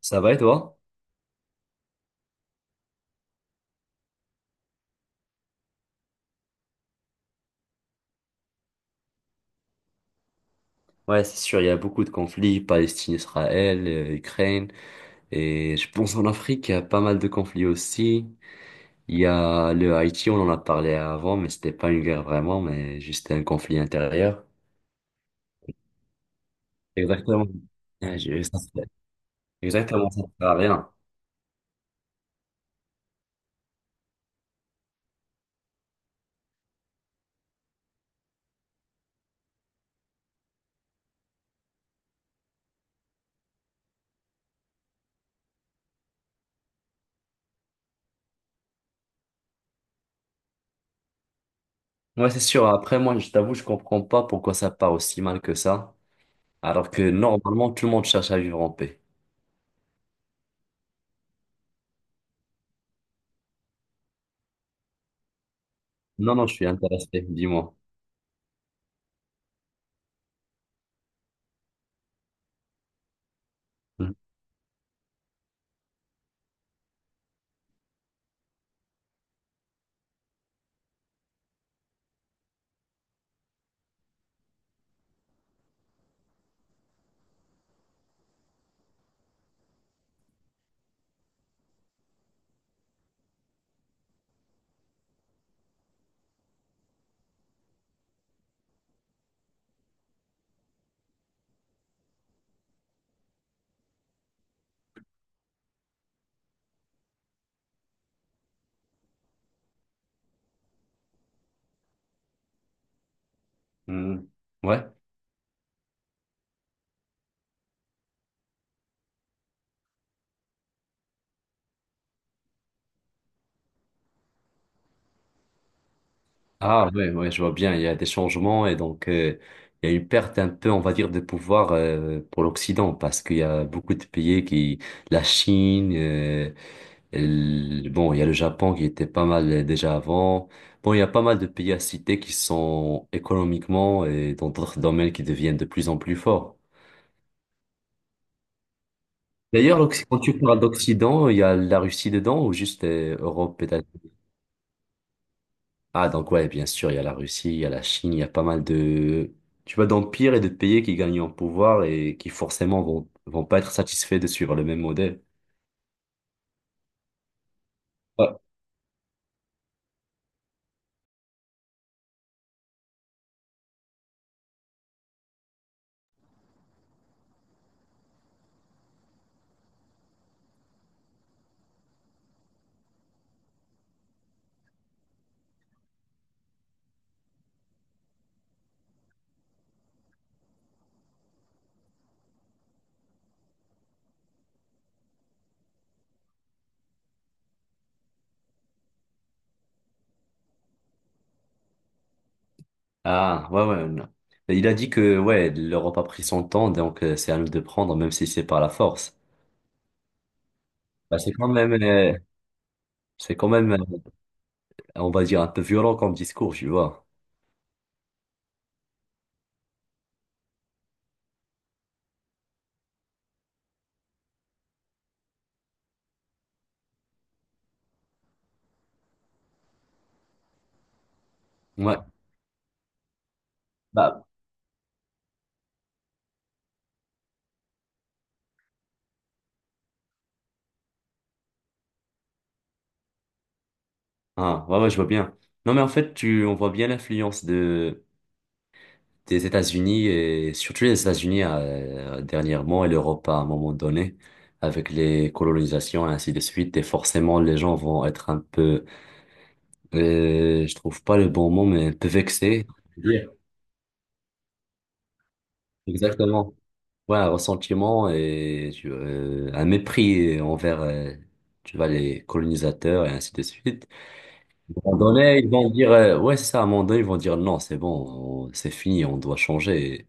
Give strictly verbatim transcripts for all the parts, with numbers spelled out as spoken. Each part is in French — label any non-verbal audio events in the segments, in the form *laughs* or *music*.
Ça va et toi? Ouais, c'est sûr, il y a beaucoup de conflits, Palestine, Israël, euh, Ukraine, et je pense en Afrique, il y a pas mal de conflits aussi. Il y a le Haïti, on en a parlé avant, mais c'était pas une guerre vraiment, mais juste un conflit intérieur. Exactement. Ouais, je- ça fait- Exactement, ça sert à rien. Ouais, c'est sûr. Après, moi, je t'avoue, je comprends pas pourquoi ça part aussi mal que ça, alors que normalement, tout le monde cherche à vivre en paix. Non, non, je suis intéressé, dis-moi. Mhm. Mhm. Ouais. Ah ouais, ouais, je vois bien, il y a des changements et donc euh, il y a une perte un peu, on va dire, de pouvoir euh, pour l'Occident parce qu'il y a beaucoup de pays qui, la Chine, euh, le- bon, il y a le Japon qui était pas mal euh, déjà avant. Bon, il y a pas mal de pays à citer qui sont économiquement et dans d'autres domaines qui deviennent de plus en plus forts. D'ailleurs, l'Occ- quand tu parles d'Occident, il y a la Russie dedans ou juste euh, Europe, peut... Ah, donc ouais, bien sûr, il y a la Russie, il y a la Chine, il y a pas mal de, tu vois, d'empires et de pays qui gagnent en pouvoir et qui forcément vont, vont pas être satisfaits de suivre le même modèle. Ouais. Ah, ouais, ouais, non. Mais il a dit que, ouais, l'Europe a pris son temps, donc euh, c'est à nous de prendre, même si c'est par la force. Bah, c'est quand même, euh, c'est quand même, euh, on va dire, un peu violent comme discours, tu vois. Ouais, bah, ah, ouais, ouais, je vois bien. Non, mais en fait, tu, on voit bien l'influence de, des États-Unis et surtout les États-Unis euh, dernièrement et l'Europe à un moment donné avec les colonisations et ainsi de suite et forcément les gens vont être un peu euh, je trouve pas le bon mot mais un peu vexés. Yeah. Exactement. Ouais, un ressentiment et tu- euh, un mépris envers euh, tu vois les colonisateurs et ainsi de suite. À un moment donné ils vont dire euh, ouais c'est ça, à un moment donné ils vont dire non c'est bon on- c'est fini, on doit changer.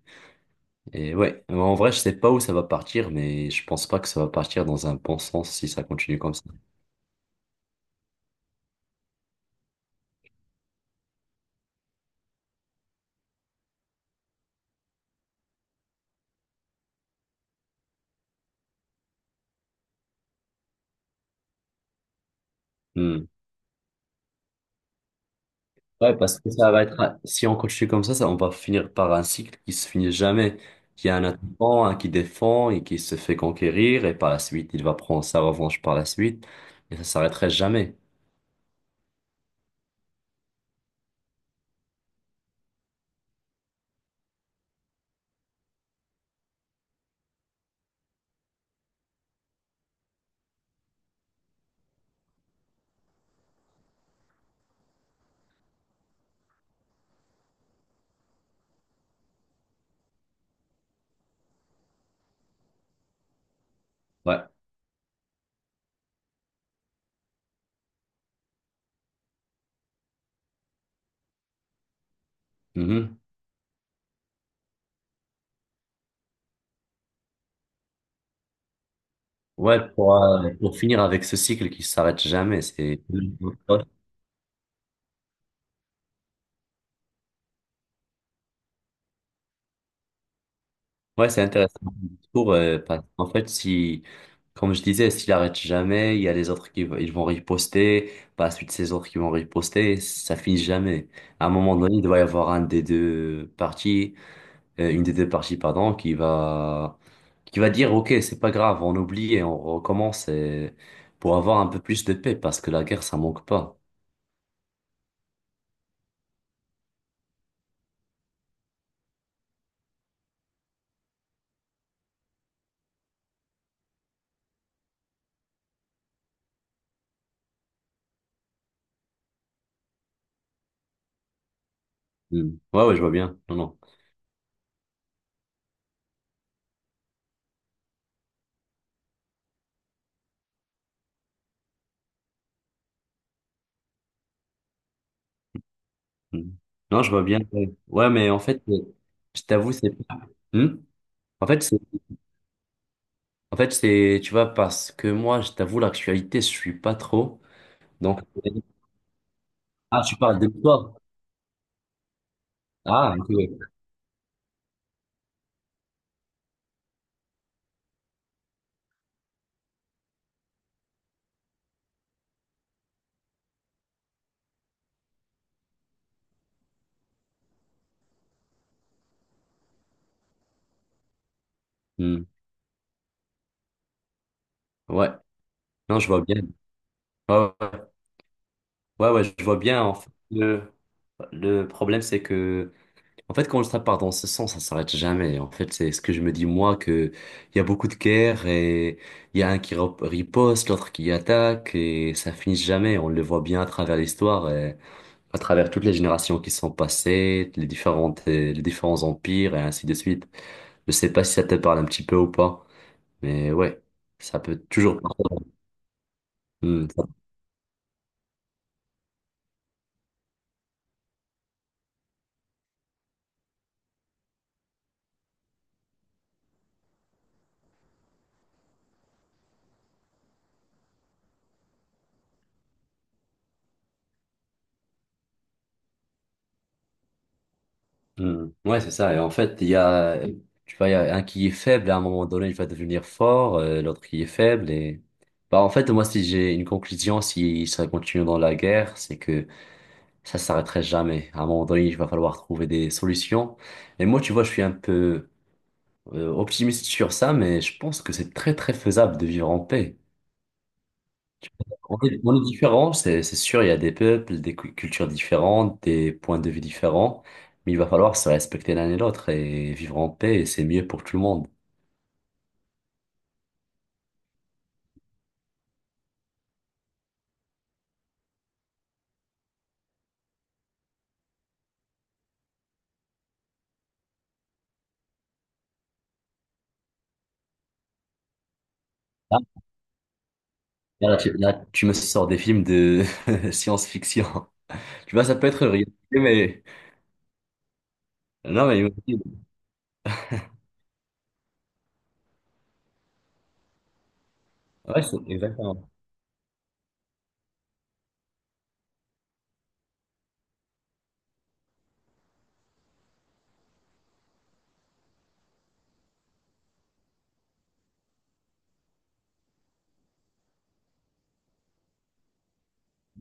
Et ouais, mais en vrai, je sais pas où ça va partir, mais je pense pas que ça va partir dans un bon sens si ça continue comme ça. Hmm. Ouais, parce que ça va être, un- si on continue comme ça, ça, on va finir par un cycle qui se finit jamais. Il y a un attaquant, un qui défend et qui se fait conquérir, et par la suite, il va prendre sa revanche par la suite, et ça s'arrêterait jamais. Ouais. Mhm. Ouais, pour, euh, pour finir avec ce cycle qui s'arrête jamais, c'est... Ouais, c'est intéressant le discours, euh, parce qu'en fait, si, comme je disais, s'il arrête jamais, il y a les autres qui vont- ils vont riposter, par la suite, ces autres qui vont riposter, ça finit jamais. À un moment donné, il doit y avoir un des deux parties, euh, une des deux parties, pardon, qui va, qui va dire, OK, c'est pas grave, on oublie et on recommence et- pour avoir un peu plus de paix, parce que la guerre, ça manque pas. Mm. Ouais, ouais, je vois bien. Non, non. Mm. Non, je vois bien. Ouais, ouais, mais en fait, euh, je t'avoue, c'est... Hmm? En fait, c'est En fait, c'est, tu vois, parce que moi, je t'avoue, l'actualité, je suis pas trop. Donc, ah, tu parles de toi. Ah, ok. Ouais. Hmm. Ouais. Non, je vois bien. Ouais, ouais, ouais, ouais, je vois bien. En fait, le, le problème, c'est que, en fait, quand ça part dans ce sens, ça s'arrête jamais. En fait, c'est ce que je me dis, moi, que il y a beaucoup de guerres et il y a un qui rep- riposte, l'autre qui attaque et ça finit jamais. On le voit bien à travers l'histoire, à travers toutes les générations qui sont passées, les différentes, euh, les différents empires et ainsi de suite. Je sais pas si ça te parle un petit peu ou pas, mais ouais, ça peut toujours. Hmm, ça- hmm. Ouais, c'est ça. Et en fait, il y a, tu vois, il y a un qui est faible, à un moment donné, il va devenir fort, euh, l'autre qui est faible. Et bah, en fait, moi, si j'ai une conclusion, si ça continue dans la guerre, c'est que ça s'arrêterait jamais. À un moment donné, il va falloir trouver des solutions. Et moi, tu vois, je suis un peu euh, optimiste sur ça, mais je pense que c'est très très faisable de vivre en paix. On est, on est différents, c'est c'est sûr, il y a des peuples, des cu- cultures différentes, des points de vue différents, mais il va falloir se respecter l'un et l'autre et vivre en paix, et c'est mieux pour tout le monde. Là, là, tu, là, tu me sors des films de *laughs* science-fiction. Tu vois, ça peut être réel, mais... Non, mais... Ouais, c'est exactement.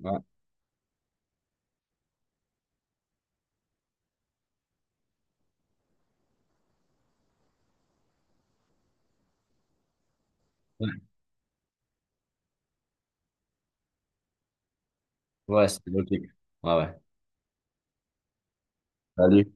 Ouais, ouais. Ouais, c'est logique. Ouais, ouais. Salut.